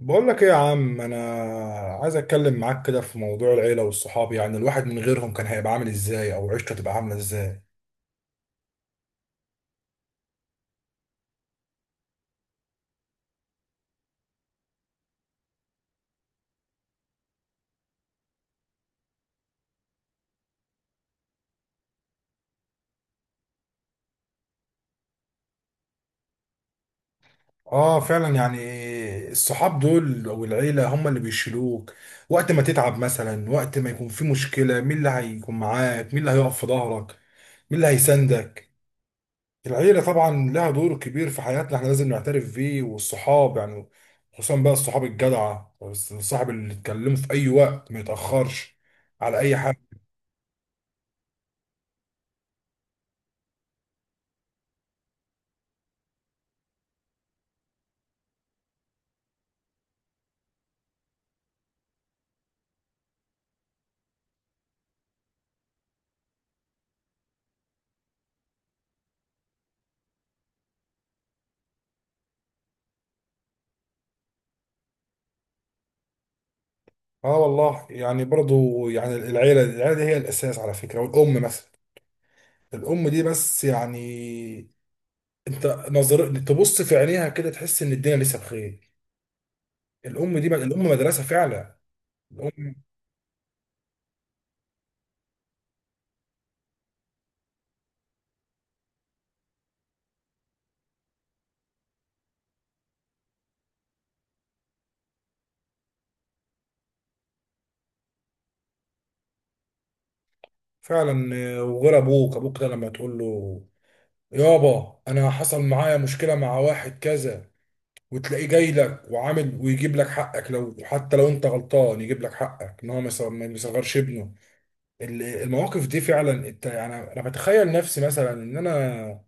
بقول لك ايه يا عم، انا عايز اتكلم معاك كده في موضوع العيله والصحاب. يعني الواحد من غيرهم كان هيبقى عامل ازاي، او عيشته تبقى عامله ازاي؟ اه فعلا، يعني الصحاب دول او العيله هم اللي بيشيلوك وقت ما تتعب مثلا، وقت ما يكون في مشكله مين اللي هيكون معاك، مين اللي هيقف في ظهرك، مين اللي هيساندك. العيله طبعا لها دور كبير في حياتنا، احنا لازم نعترف بيه، والصحاب يعني خصوصا بقى الصحاب الجدعه، الصاحب اللي تكلمه في اي وقت ما يتاخرش على اي حاجه. اه والله يعني برضو، يعني العيلة دي هي الأساس على فكرة. والأم مثلا، الأم دي بس يعني أنت نظر تبص في عينيها كده تحس إن الدنيا لسه بخير. الأم دي الأم مدرسة فعلا. الأم فعلا آه، وغير أبوك، أبوك ده لما تقول له يابا أنا حصل معايا مشكلة مع واحد كذا، وتلاقيه جاي لك وعامل ويجيب لك حقك، لو حتى لو أنت غلطان يجيب لك حقك، إن هو ما يصغرش ابنه. المواقف دي فعلا يعني انا بتخيل نفسي مثلا ان انا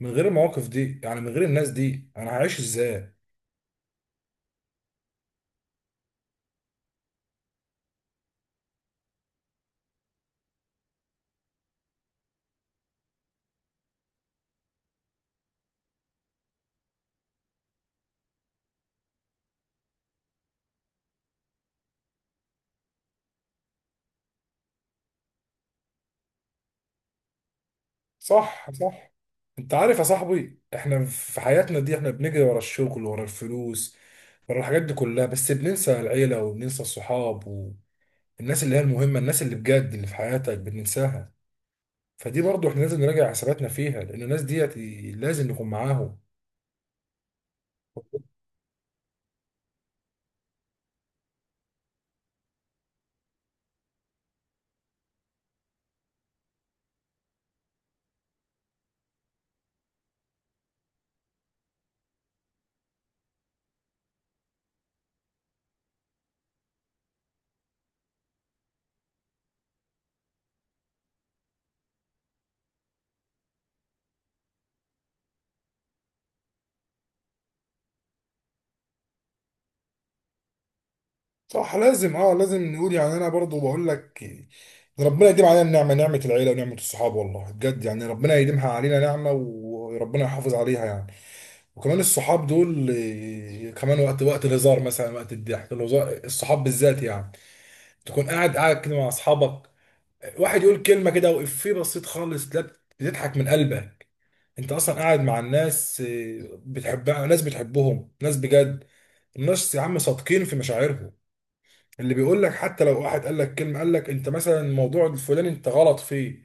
من غير المواقف دي، يعني من غير الناس دي انا هعيش ازاي؟ صح، صح. انت عارف يا صاحبي، احنا في حياتنا دي احنا بنجري ورا الشغل ورا الفلوس ورا الحاجات دي كلها، بس بننسى العيلة وبننسى الصحاب والناس اللي هي المهمة، الناس اللي بجد اللي في حياتك بننساها. فدي برضو احنا لازم نراجع حساباتنا فيها، لان الناس ديت لازم نكون معاهم. صح لازم، اه لازم نقول. يعني انا برضو بقول لك، ده ربنا يديم علينا النعمه، نعمه العيله ونعمه الصحاب، والله بجد يعني ربنا يديمها علينا نعمه وربنا يحافظ عليها يعني. وكمان الصحاب دول آه، كمان وقت الهزار مثلا، وقت الضحك، الهزار الصحاب بالذات يعني، تكون قاعد كده مع اصحابك، واحد يقول كلمه كده وإفيه بسيط خالص، لا بتضحك من قلبك. انت اصلا قاعد مع الناس آه، بتحبها، ناس بتحبهم ناس بجد. الناس يا عم صادقين في مشاعرهم، اللي بيقول لك حتى لو واحد قال لك كلمه، قال لك انت مثلا الموضوع الفلاني انت غلط فيه،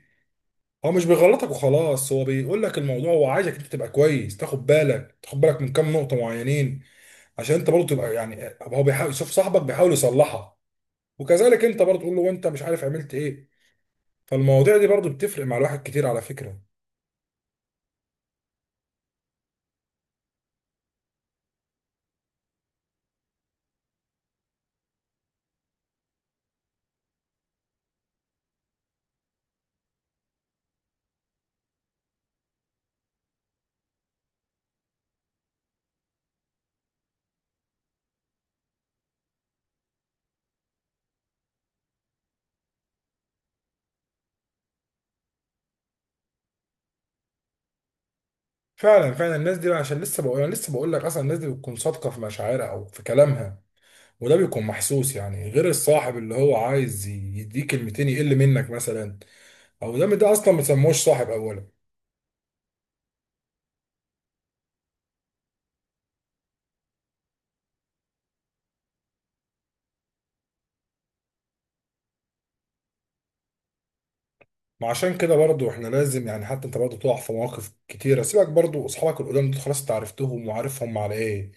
هو مش بيغلطك وخلاص، هو بيقول لك الموضوع، هو عايزك انت تبقى كويس، تاخد بالك من كام نقطه معينين، عشان انت برضه تبقى يعني. هو بيحاول يشوف صاحبك بيحاول يصلحها، وكذلك انت برضه تقول له انت مش عارف عملت ايه. فالمواضيع دي برضه بتفرق مع الواحد كتير على فكره. فعلا فعلا، الناس دي بقى عشان لسه بقول، انا لسه بقول لك اصلا الناس دي بتكون صادقه في مشاعرها او في كلامها، وده بيكون محسوس، يعني غير الصاحب اللي هو عايز يديك كلمتين يقل منك مثلا، او دام ده اصلا ما سموش صاحب اولا. ما عشان كده برضو احنا لازم يعني، حتى انت برضو تقع في مواقف كتيره، سيبك برضو اصحابك القدام دول خلاص انت عرفتهم وعارفهم على ايه.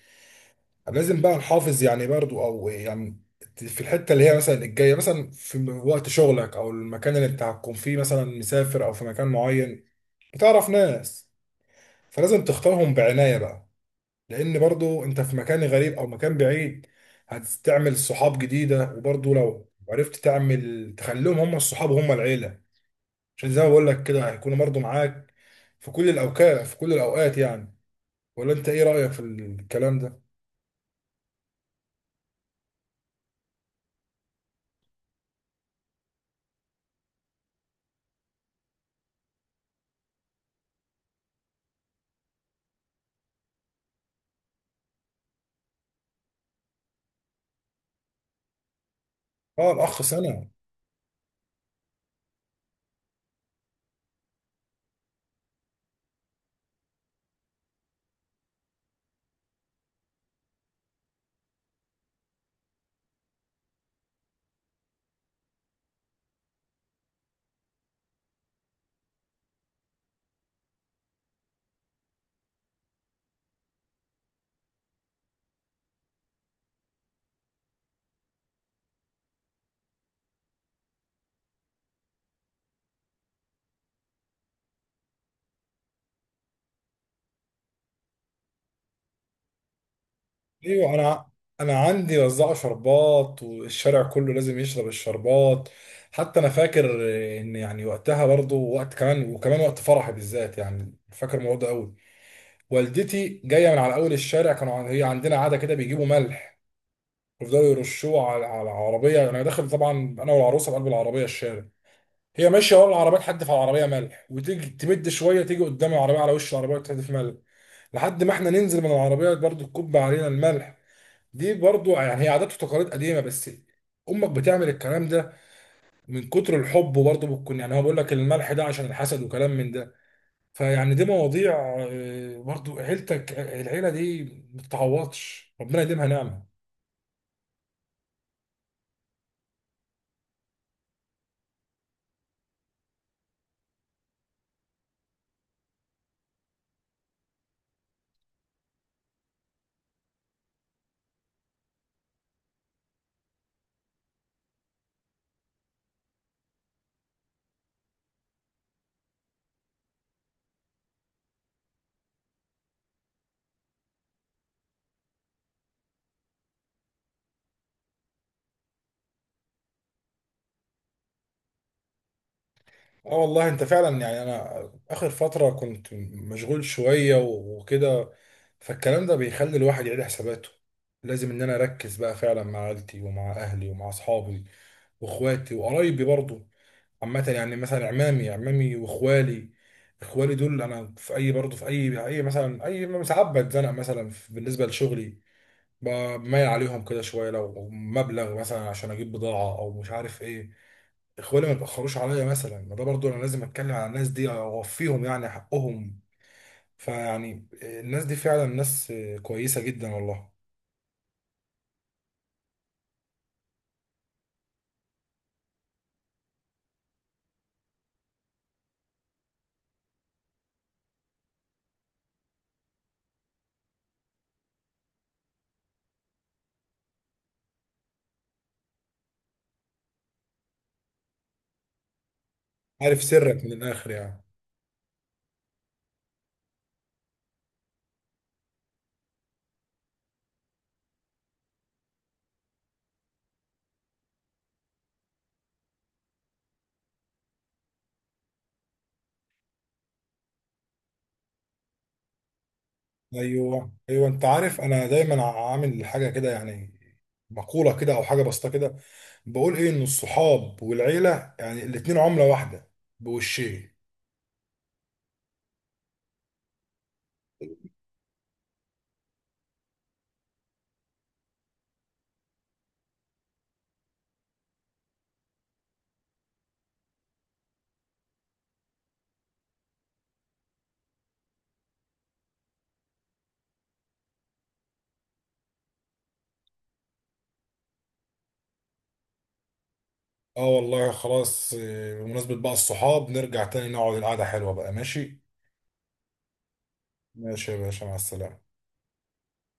لازم بقى نحافظ يعني برضو، او يعني في الحته اللي هي مثلا الجايه، مثلا في وقت شغلك او المكان اللي انت هتكون فيه مثلا مسافر، او في مكان معين بتعرف ناس، فلازم تختارهم بعنايه بقى، لان برضو انت في مكان غريب او مكان بعيد هتعمل صحاب جديده. وبرضو لو عرفت تعمل تخليهم هم الصحاب وهم العيله، عشان زي ما بقول لك كده هيكونوا برضه معاك في كل الاوقات، في كل الاوقات يعني. ولا انت ايه رايك في الكلام ده؟ اه الاخ سنه. ايوه انا عندي وزعوا شربات والشارع كله لازم يشرب الشربات. حتى انا فاكر ان يعني وقتها برضه، وقت كمان وكمان وقت فرحي بالذات، يعني فاكر الموضوع ده قوي. والدتي جايه من على اول الشارع، هي عندنا عاده كده بيجيبوا ملح ويفضلوا يرشوه على العربيه. انا داخل طبعا انا والعروسه بقلب العربيه الشارع، هي ماشيه ورا العربيه تحدف على العربيه ملح، وتيجي تمد شويه تيجي قدام العربيه على وش العربيه وتحدف ملح، لحد ما احنا ننزل من العربيه برضو تكب علينا الملح. دي برضو يعني هي عادات وتقاليد قديمه، بس امك بتعمل الكلام ده من كتر الحب برضو، بتكون يعني هو بيقول لك الملح ده عشان الحسد وكلام من ده. فيعني دي مواضيع آه، برضو عيلتك العيله دي ما بتتعوضش، ربنا يديمها نعمه. اه والله انت فعلا يعني، انا اخر فترة كنت مشغول شوية وكده، فالكلام ده بيخلي الواحد يعيد حساباته. لازم ان انا اركز بقى فعلا مع عيلتي ومع اهلي ومع اصحابي واخواتي وقرايبي برضو. عامة يعني مثلا عمامي واخوالي، اخوالي دول انا في اي برضو في اي مثلا ساعات بتزنق مثلا بالنسبة لشغلي بميل عليهم كده شوية لو مبلغ مثلا عشان اجيب بضاعة او مش عارف ايه، اخواني ما يتاخروش عليا مثلا. ما ده برضو انا لازم اتكلم على الناس دي اوفيهم يعني حقهم. فيعني الناس دي فعلا ناس كويسه جدا والله. عارف سرك من الاخر يعني. ايوه ايوه، انت عارف انا دايما عامل حاجه كده يعني، مقوله كده او حاجه بسيطه كده، بقول ايه ان الصحاب والعيله يعني الاتنين عمله واحده بوشين. اه والله خلاص آه، بمناسبه بقى الصحاب نرجع تاني نقعد القعده حلوه بقى، ماشي. ماشي يا باشا، مع السلامه.